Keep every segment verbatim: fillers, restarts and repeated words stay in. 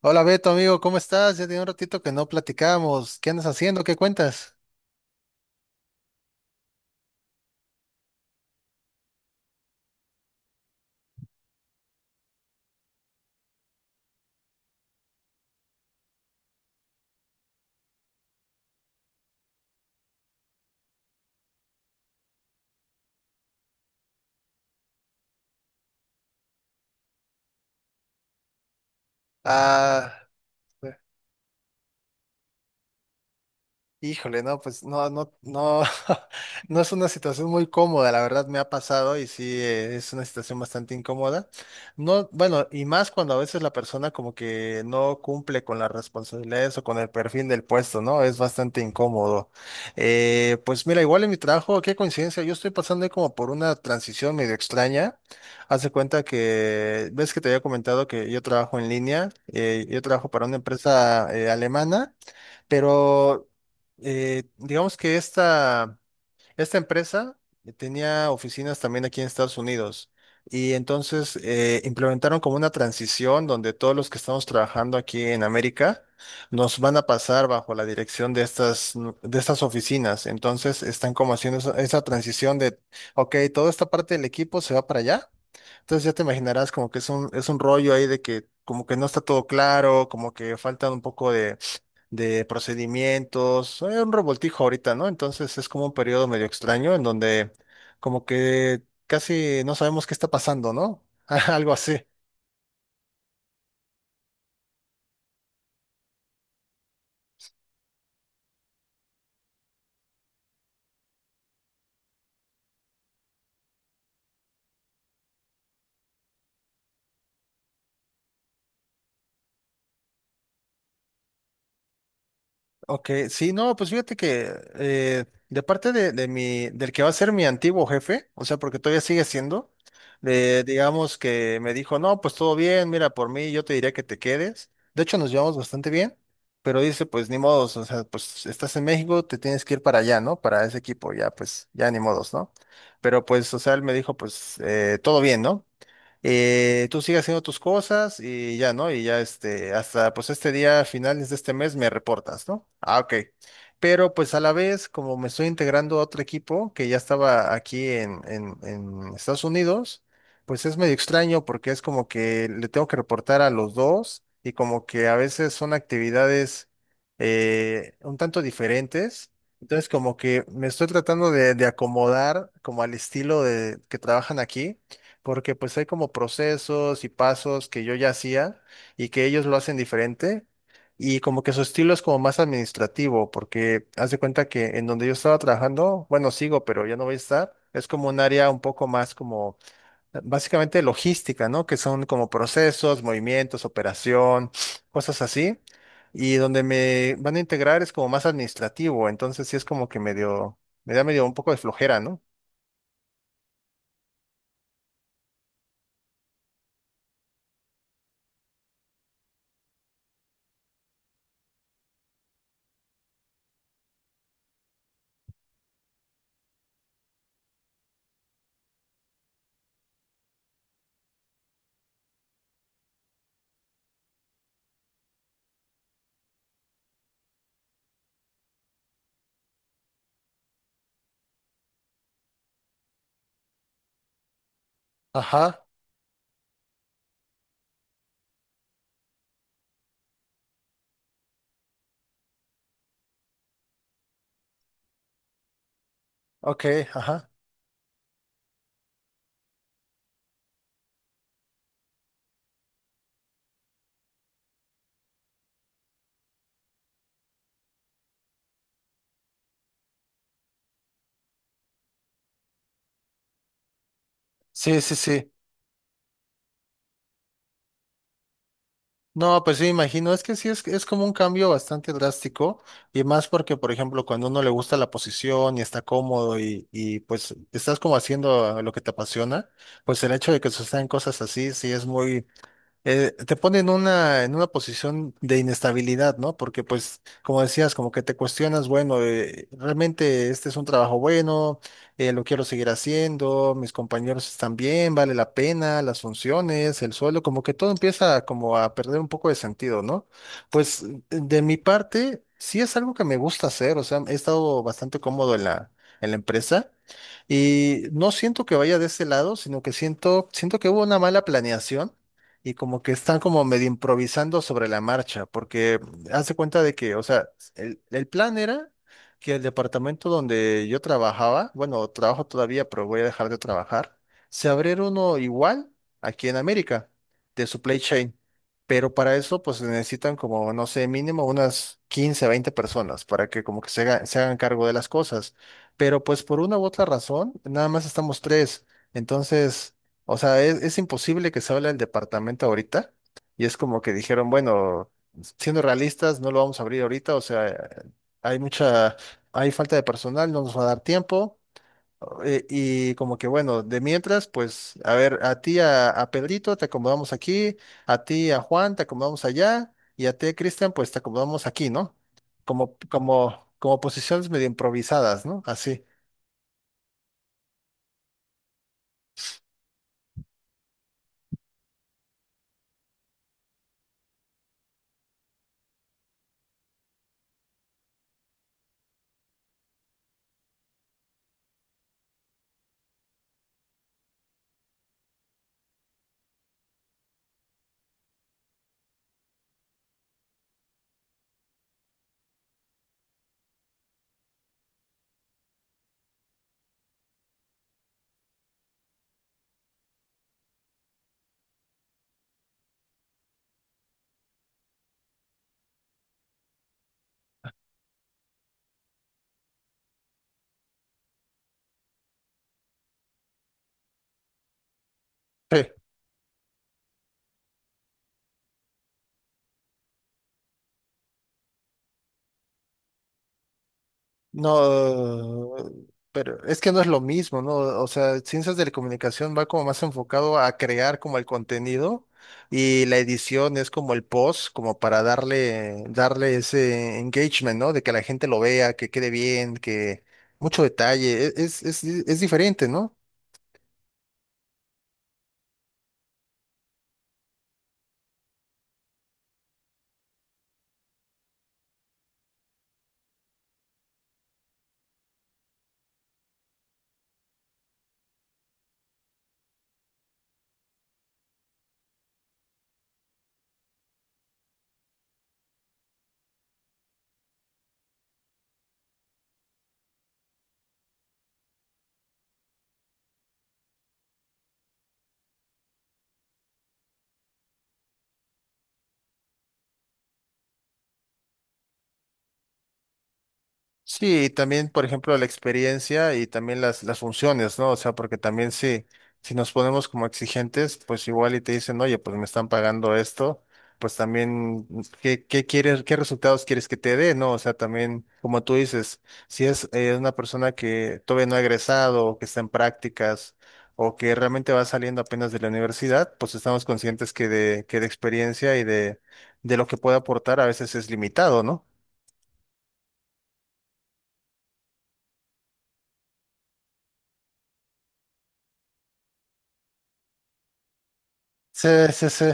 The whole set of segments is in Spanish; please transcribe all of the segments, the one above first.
Hola Beto, amigo, ¿cómo estás? Ya tiene un ratito que no platicamos. ¿Qué andas haciendo? ¿Qué cuentas? Ah, híjole, no, pues no, no, no, no es una situación muy cómoda, la verdad me ha pasado y sí, eh, es una situación bastante incómoda. No, bueno, y más cuando a veces la persona como que no cumple con las responsabilidades o con el perfil del puesto, ¿no? Es bastante incómodo. Eh, pues mira, igual en mi trabajo, qué coincidencia, yo estoy pasando ahí como por una transición medio extraña. Haz de cuenta que, ves que te había comentado que yo trabajo en línea, eh, yo trabajo para una empresa eh, alemana. Pero eh, digamos que esta, esta empresa tenía oficinas también aquí en Estados Unidos y entonces eh, implementaron como una transición donde todos los que estamos trabajando aquí en América nos van a pasar bajo la dirección de estas, nu- de estas oficinas. Entonces están como haciendo esa, esa transición de, ok, toda esta parte del equipo se va para allá. Entonces ya te imaginarás como que es un, es un rollo ahí de que como que no está todo claro, como que faltan un poco de procedimientos, hay un revoltijo ahorita, ¿no? Entonces es como un periodo medio extraño en donde como que casi no sabemos qué está pasando, ¿no? Algo así. Ok, sí, no, pues fíjate que eh, de parte de, de mi, del que va a ser mi antiguo jefe, o sea, porque todavía sigue siendo, eh, digamos que me dijo, no, pues todo bien, mira, por mí yo te diría que te quedes. De hecho, nos llevamos bastante bien, pero dice, pues ni modos, o sea, pues estás en México, te tienes que ir para allá, ¿no? Para ese equipo, ya, pues, ya ni modos, ¿no? Pero pues, o sea, él me dijo, pues, eh, todo bien, ¿no? eh, tú sigues haciendo tus cosas y ya, ¿no? Y ya este, hasta pues este día, finales de este mes, me reportas, ¿no? Ah, ok. Pero pues a la vez, como me estoy integrando a otro equipo que ya estaba aquí en, en, en Estados Unidos, pues es medio extraño porque es como que le tengo que reportar a los dos y como que a veces son actividades eh, un tanto diferentes. Entonces como que me estoy tratando de, de acomodar como al estilo de que trabajan aquí porque pues hay como procesos y pasos que yo ya hacía y que ellos lo hacen diferente y como que su estilo es como más administrativo, porque haz de cuenta que en donde yo estaba trabajando, bueno, sigo, pero ya no voy a estar, es como un área un poco más como eh, básicamente logística, ¿no? Que son como procesos, movimientos, operación, cosas así. Y donde me van a integrar es como más administrativo, entonces sí es como que medio, me da medio un poco de flojera, ¿no? Ajá, ok, ajá. Sí, sí, sí. No, pues sí, me imagino, es que sí es, es como un cambio bastante drástico y más porque, por ejemplo, cuando uno le gusta la posición y está cómodo y, y pues estás como haciendo lo que te apasiona, pues el hecho de que sucedan cosas así sí es muy, eh, te pone en una, en una posición de inestabilidad, ¿no? Porque pues, como decías, como que te cuestionas, bueno, eh, realmente este es un trabajo bueno, eh, lo quiero seguir haciendo, mis compañeros están bien, vale la pena, las funciones, el sueldo, como que todo empieza como a perder un poco de sentido, ¿no? Pues de mi parte, sí es algo que me gusta hacer, o sea, he estado bastante cómodo en la, en la empresa. Y no siento que vaya de ese lado, sino que siento, siento que hubo una mala planeación y como que están como medio improvisando sobre la marcha, porque hace cuenta de que, o sea, el, el plan era que el departamento donde yo trabajaba, bueno, trabajo todavía, pero voy a dejar de trabajar, se abriera uno igual aquí en América, de supply chain. Pero para eso, pues necesitan como, no sé, mínimo unas quince veinte personas para que como que se haga- se hagan cargo de las cosas. Pero pues por una u otra razón, nada más estamos tres. Entonces... O sea, es, es imposible que se hable del departamento ahorita. Y es como que dijeron, bueno, siendo realistas, no lo vamos a abrir ahorita. O sea, hay mucha, hay falta de personal, no nos va a dar tiempo. Eh, y como que bueno, de mientras, pues, a ver, a ti, a, a Pedrito, te acomodamos aquí, a ti, a Juan, te acomodamos allá, y a ti, a Cristian, pues te acomodamos aquí, ¿no? Como, como, como posiciones medio improvisadas, ¿no? Así. Sí. No, pero es que no es lo mismo, ¿no? O sea, ciencias de la comunicación va como más enfocado a crear como el contenido y la edición es como el post, como para darle, darle ese engagement, ¿no? De que la gente lo vea, que quede bien, que mucho detalle, e- es, es, es diferente, ¿no? Sí, y también, por ejemplo, la experiencia y también las, las funciones, ¿no? O sea, porque también si, si nos ponemos como exigentes, pues igual y te dicen, oye, pues me están pagando esto, pues también, mm, ¿qué, qué quieres, qué resultados quieres que te dé, ¿no? O sea, también, como tú dices, si es eh, una persona que todavía no ha egresado o que está en prácticas o que realmente va saliendo apenas de la universidad, pues estamos conscientes que de, que de experiencia y de, de lo que puede aportar a veces es limitado, ¿no? Sí, sí, sí.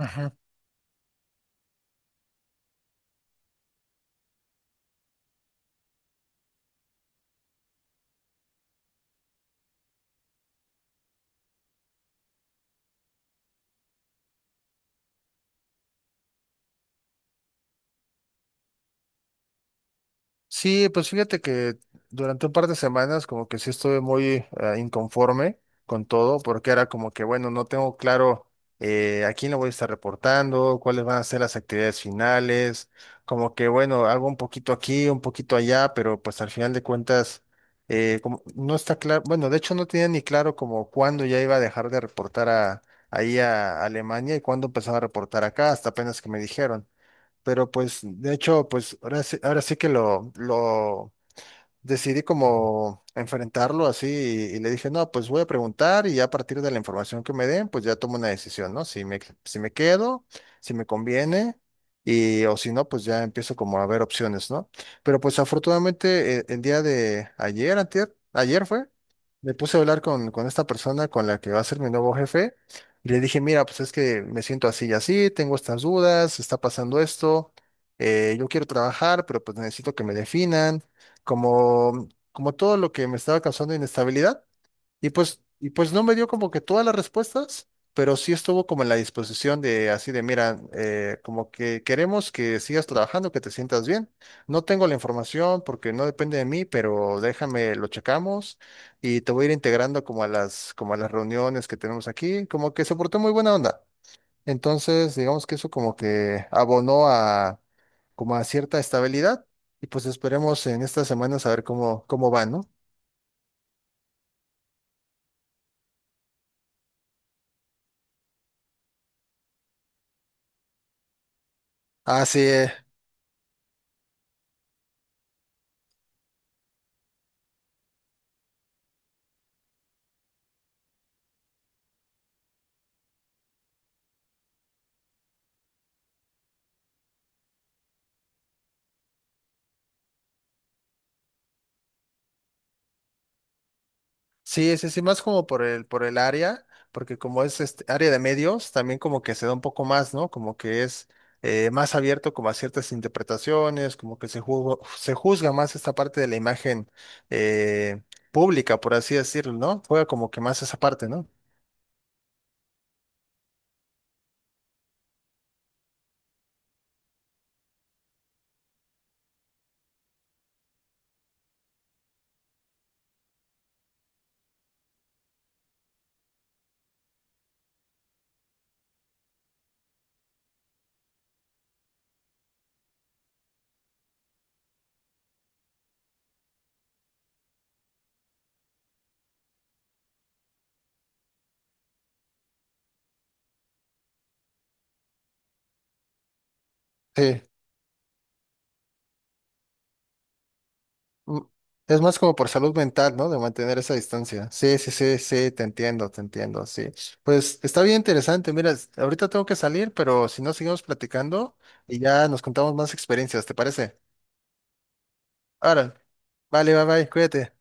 Ujú. Sí, pues fíjate que durante un par de semanas como que sí estuve muy eh, inconforme con todo, porque era como que, bueno, no tengo claro eh, a quién le voy a estar reportando, cuáles van a ser las actividades finales, como que, bueno, hago un poquito aquí, un poquito allá, pero pues al final de cuentas eh, como no está claro, bueno, de hecho no tenía ni claro como cuándo ya iba a dejar de reportar a, ahí a Alemania y cuándo empezaba a reportar acá, hasta apenas que me dijeron. Pero pues, de hecho, pues ahora sí, ahora sí que lo, lo, decidí como enfrentarlo así y, y le dije, no, pues voy a preguntar y ya a partir de la información que me den, pues ya tomo una decisión, ¿no? Si me, si me quedo, si me conviene y o si no, pues ya empiezo como a ver opciones, ¿no? Pero pues afortunadamente eh, el, día de ayer, antier, ayer fue, me puse a hablar con, con esta persona con la que va a ser mi nuevo jefe y le dije, mira, pues es que me siento así y así, tengo estas dudas, está pasando esto. eh, yo quiero trabajar, pero pues necesito que me definan como, como todo lo que me estaba causando inestabilidad. Y pues, y pues no me dio como que todas las respuestas, pero sí estuvo como en la disposición de así de, mira, eh, como que queremos que sigas trabajando, que te sientas bien. No tengo la información porque no depende de mí, pero déjame, lo checamos y te voy a ir integrando como a las, como a las reuniones que tenemos aquí. Como que se portó muy buena onda. Entonces, digamos que eso como que abonó a como a cierta estabilidad y pues esperemos en estas semanas a ver cómo, cómo va, ¿no? Ah, sí, eh, sí, sí, sí, más como por el, por el área, porque como es este área de medios, también como que se da un poco más, ¿no? Como que es eh, más abierto como a ciertas interpretaciones, como que se juzga, se juzga más esta parte de la imagen eh, pública, por así decirlo, ¿no? Juega como que más esa parte, ¿no? Sí. Mm, Es más como por salud mental, ¿no? De mantener esa distancia. Sí, sí, sí, sí, te entiendo, te entiendo, sí. Pues está bien interesante. Mira, es- ahorita tengo que salir, pero si no, seguimos platicando y ya nos contamos más experiencias, ¿te parece? Ahora, vale, bye, bye, cuídate.